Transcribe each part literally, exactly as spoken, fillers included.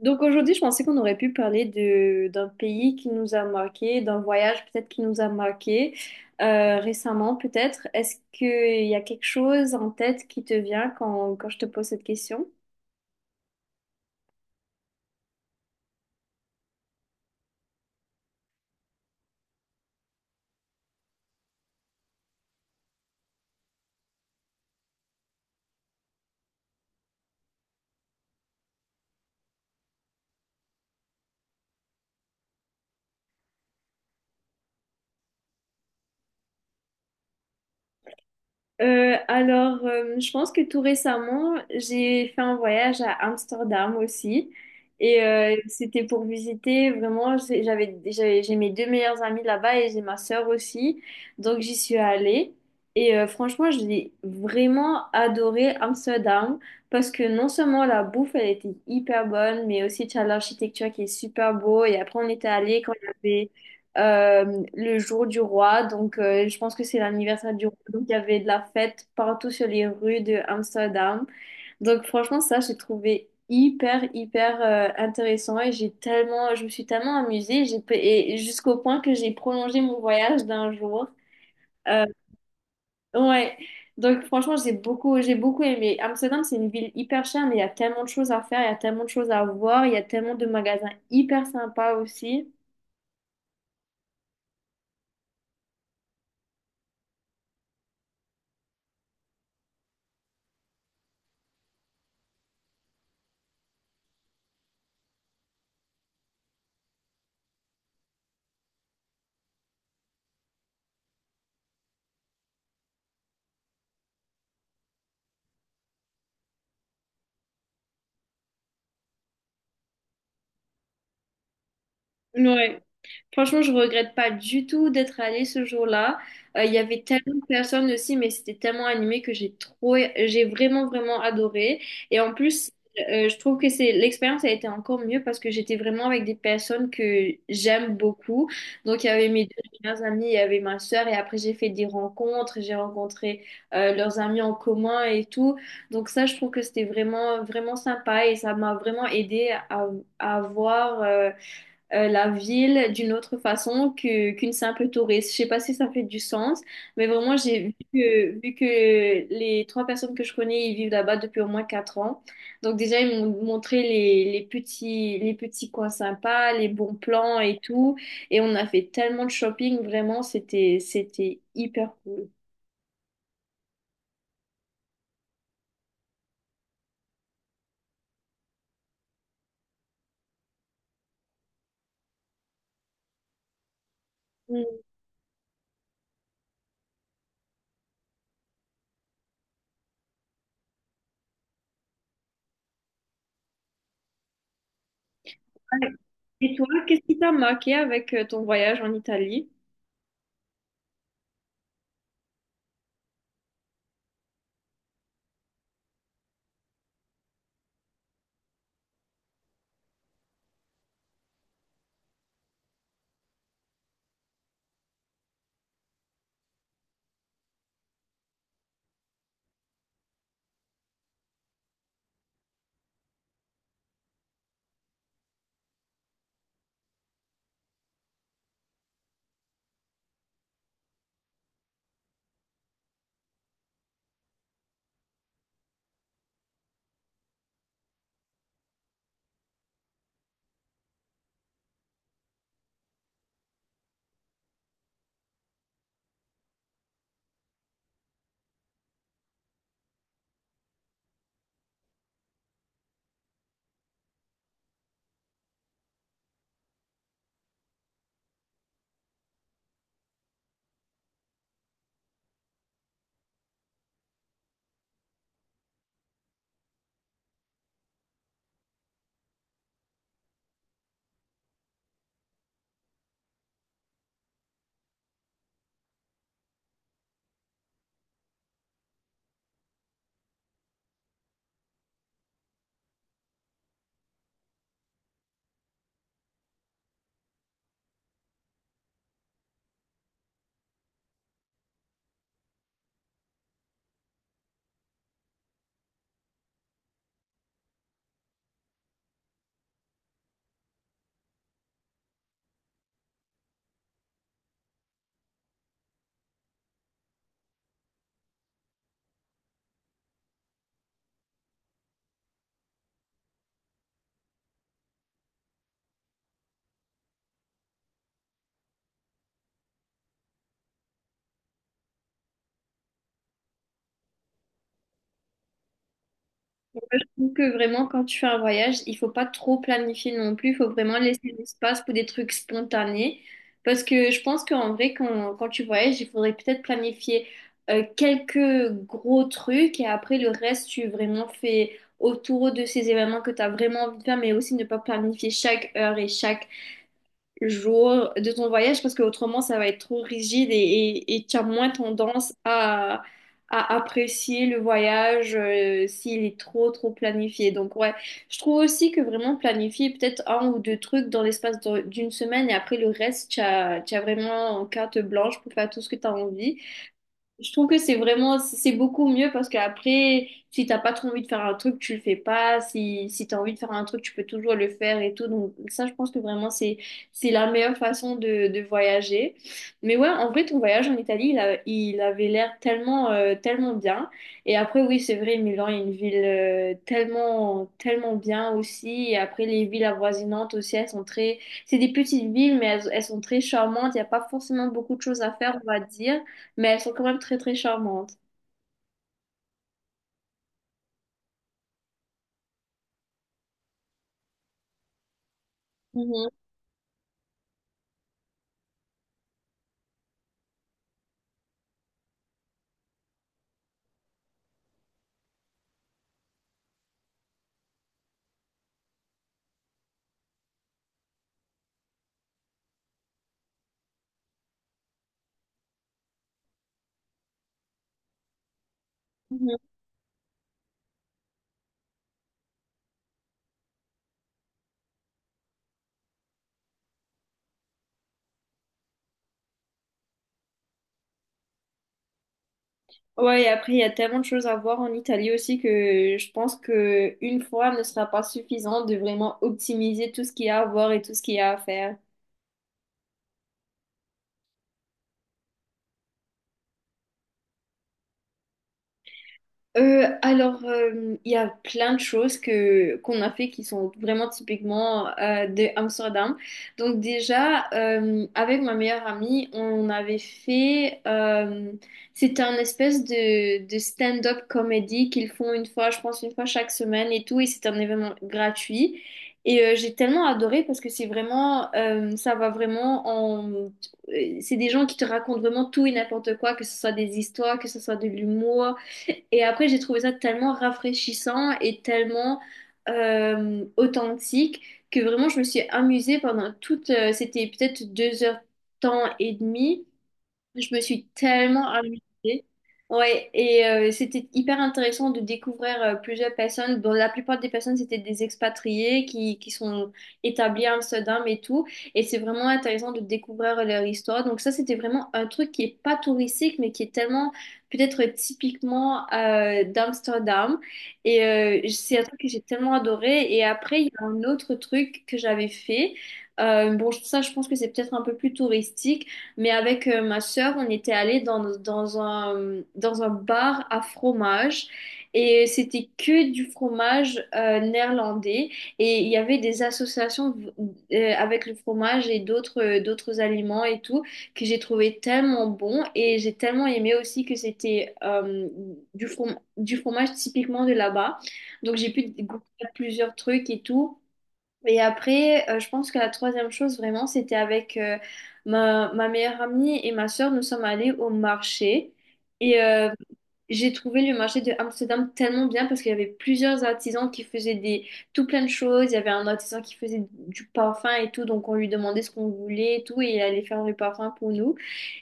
Donc aujourd'hui, je pensais qu'on aurait pu parler de, d'un pays qui nous a marqué, d'un voyage peut-être qui nous a marqué euh, récemment peut-être. Est-ce qu'il y a quelque chose en tête qui te vient quand, quand je te pose cette question? Euh, alors, euh, je pense que tout récemment, j'ai fait un voyage à Amsterdam aussi. Et euh, c'était pour visiter vraiment, j'ai- j'avais, j'avais- j'ai mes deux meilleures amies là-bas et j'ai ma sœur aussi. Donc, j'y suis allée. Et euh, franchement, j'ai vraiment adoré Amsterdam parce que non seulement la bouffe, elle était hyper bonne, mais aussi tu as l'architecture qui est super beau. Et après, on était allé quand il y avait euh, le jour du roi. Donc, euh, je pense que c'est l'anniversaire du roi. Donc, il y avait de la fête partout sur les rues de Amsterdam. Donc, franchement, ça, j'ai trouvé hyper, hyper euh, intéressant et j'ai tellement, je me suis tellement amusée. J'ai, pe- et Jusqu'au point que j'ai prolongé mon voyage d'un jour. Euh, ouais. Donc, franchement, j'ai beaucoup, j'ai beaucoup aimé. Amsterdam, c'est une ville hyper chère, mais il y a tellement de choses à faire, il y a tellement de choses à voir, il y a tellement de magasins hyper sympas aussi. Ouais. Franchement, je regrette pas du tout d'être allée ce jour-là. Euh, Il y avait tellement de personnes aussi, mais c'était tellement animé que j'ai trop, j'ai vraiment, vraiment adoré. Et en plus, euh, je trouve que c'est l'expérience a été encore mieux parce que j'étais vraiment avec des personnes que j'aime beaucoup. Donc, il y avait mes deux meilleures amies, il y avait ma sœur, et après, j'ai fait des rencontres, j'ai rencontré euh, leurs amis en commun et tout. Donc, ça, je trouve que c'était vraiment, vraiment sympa et ça m'a vraiment aidé à, à voir. Euh, euh, la ville d'une autre façon que, qu'une simple touriste. Je sais pas si ça fait du sens, mais vraiment, j'ai vu que, vu que les trois personnes que je connais, ils vivent là-bas depuis au moins quatre ans. Donc déjà, ils m'ont montré les, les petits, les petits coins sympas, les bons plans et tout. Et on a fait tellement de shopping, vraiment, c'était, c'était hyper cool. Mm. Ouais. Et toi, qu'est-ce qui t'a marqué avec euh, ton voyage en Italie? Ouais, je trouve que vraiment, quand tu fais un voyage, il faut pas trop planifier non plus. Il faut vraiment laisser l'espace pour des trucs spontanés. Parce que je pense qu'en vrai, quand, quand tu voyages, il faudrait peut-être planifier euh, quelques gros trucs et après le reste, tu vraiment fais autour de ces événements que tu as vraiment envie de faire, mais aussi ne pas planifier chaque heure et chaque jours de ton voyage parce que autrement ça va être trop rigide et, et, et tu as moins tendance à, à apprécier le voyage euh, s'il est trop trop planifié. Donc ouais, je trouve aussi que vraiment planifier peut-être un ou deux trucs dans l'espace de- d'une semaine et après le reste, tu as, tu as vraiment carte blanche pour faire tout ce que tu as envie. Je trouve que c'est vraiment, c'est beaucoup mieux parce qu'après, si t'as pas trop envie de faire un truc, tu le fais pas. Si, si t'as envie de faire un truc, tu peux toujours le faire et tout. Donc, ça, je pense que vraiment, c'est, c'est la meilleure façon de, de voyager. Mais ouais, en vrai, ton voyage en Italie, il a- il avait l'air tellement, euh, tellement bien. Et après, oui, c'est vrai, Milan est une ville, euh, tellement, tellement bien aussi. Et après, les villes avoisinantes aussi, elles sont très, c'est des petites villes, mais elles, elles sont très charmantes. Il n'y a pas forcément beaucoup de choses à faire, on va dire, mais elles sont quand même très très charmantes. Mhm, mhm. Ouais, et après, il y a tellement de choses à voir en Italie aussi que je pense que une fois ne sera pas suffisant de vraiment optimiser tout ce qu'il y a à voir et tout ce qu'il y a à faire. Euh, alors, euh, il y a plein de choses que qu'on a fait qui sont vraiment typiquement euh, de Amsterdam. Donc déjà, euh, avec ma meilleure amie, on avait fait, euh, c'était un espèce de, de stand-up comédie qu'ils font une fois, je pense une fois chaque semaine et tout, et c'est un événement gratuit. Et euh, j'ai tellement adoré parce que c'est vraiment, euh, ça va vraiment en, euh, c'est des gens qui te racontent vraiment tout et n'importe quoi, que ce soit des histoires, que ce soit de l'humour. Et après, j'ai trouvé ça tellement rafraîchissant et tellement euh, authentique que vraiment, je me suis amusée pendant toute. euh, C'était peut-être deux heures temps et demi, je me suis tellement amusée. Ouais, et euh, c'était hyper intéressant de découvrir euh, plusieurs personnes. Bon, la plupart des personnes, c'était des expatriés qui, qui sont établis à Amsterdam et tout. Et c'est vraiment intéressant de découvrir leur histoire. Donc ça, c'était vraiment un truc qui est pas touristique, mais qui est tellement peut-être typiquement euh, d'Amsterdam. Et euh, c'est un truc que j'ai tellement adoré. Et après, il y a un autre truc que j'avais fait. Euh, bon, ça, je pense que c'est peut-être un peu plus touristique. Mais avec euh, ma sœur, on était allé dans, dans un, dans un bar à fromage et c'était que du fromage euh, néerlandais et il y avait des associations euh, avec le fromage et d'autres euh, d'autres aliments et tout que j'ai trouvé tellement bon et j'ai tellement aimé aussi que c'était euh, du from- du fromage typiquement de là-bas. Donc j'ai pu goûter à plusieurs trucs et tout. Et après, euh, je pense que la troisième chose vraiment, c'était avec euh, ma, ma meilleure amie et ma sœur, nous sommes allés au marché. Et euh, j'ai trouvé le marché de Amsterdam tellement bien parce qu'il y avait plusieurs artisans qui faisaient des, tout plein de choses. Il y avait un artisan qui faisait du parfum et tout, donc on lui demandait ce qu'on voulait et tout, et il allait faire le parfum pour nous.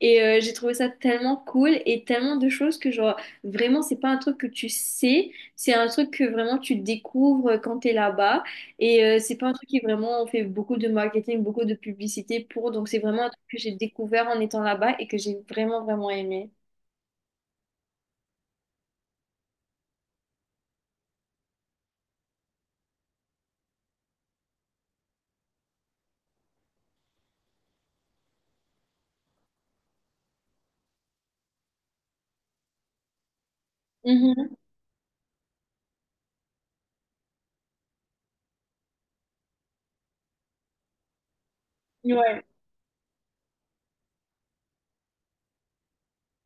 Et euh, j'ai trouvé ça tellement cool et tellement de choses que genre vraiment c'est pas un truc que tu sais, c'est un truc que vraiment tu découvres euh, quand t'es là-bas et euh, c'est pas un truc qui vraiment on fait beaucoup de marketing, beaucoup de publicité pour, donc c'est vraiment un truc que j'ai découvert en étant là-bas et que j'ai vraiment vraiment aimé. Mhm. Ouais.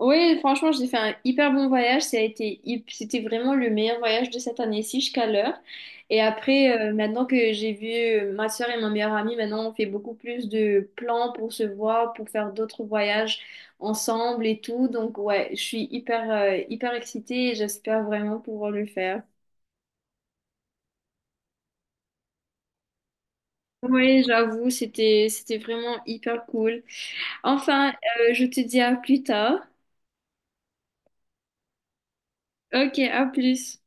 Oui, franchement, j'ai fait un hyper bon voyage. Ça a été, hyp- C'était vraiment le meilleur voyage de cette année-ci jusqu'à l'heure. Et après, euh, maintenant que j'ai vu euh, ma soeur et ma meilleure amie, maintenant on fait beaucoup plus de plans pour se voir, pour faire d'autres voyages ensemble et tout. Donc ouais, je suis hyper, euh, hyper excitée et j'espère vraiment pouvoir le faire. Oui, j'avoue, c'était, c'était vraiment hyper cool. Enfin, euh, je te dis à plus tard. Ok, à plus.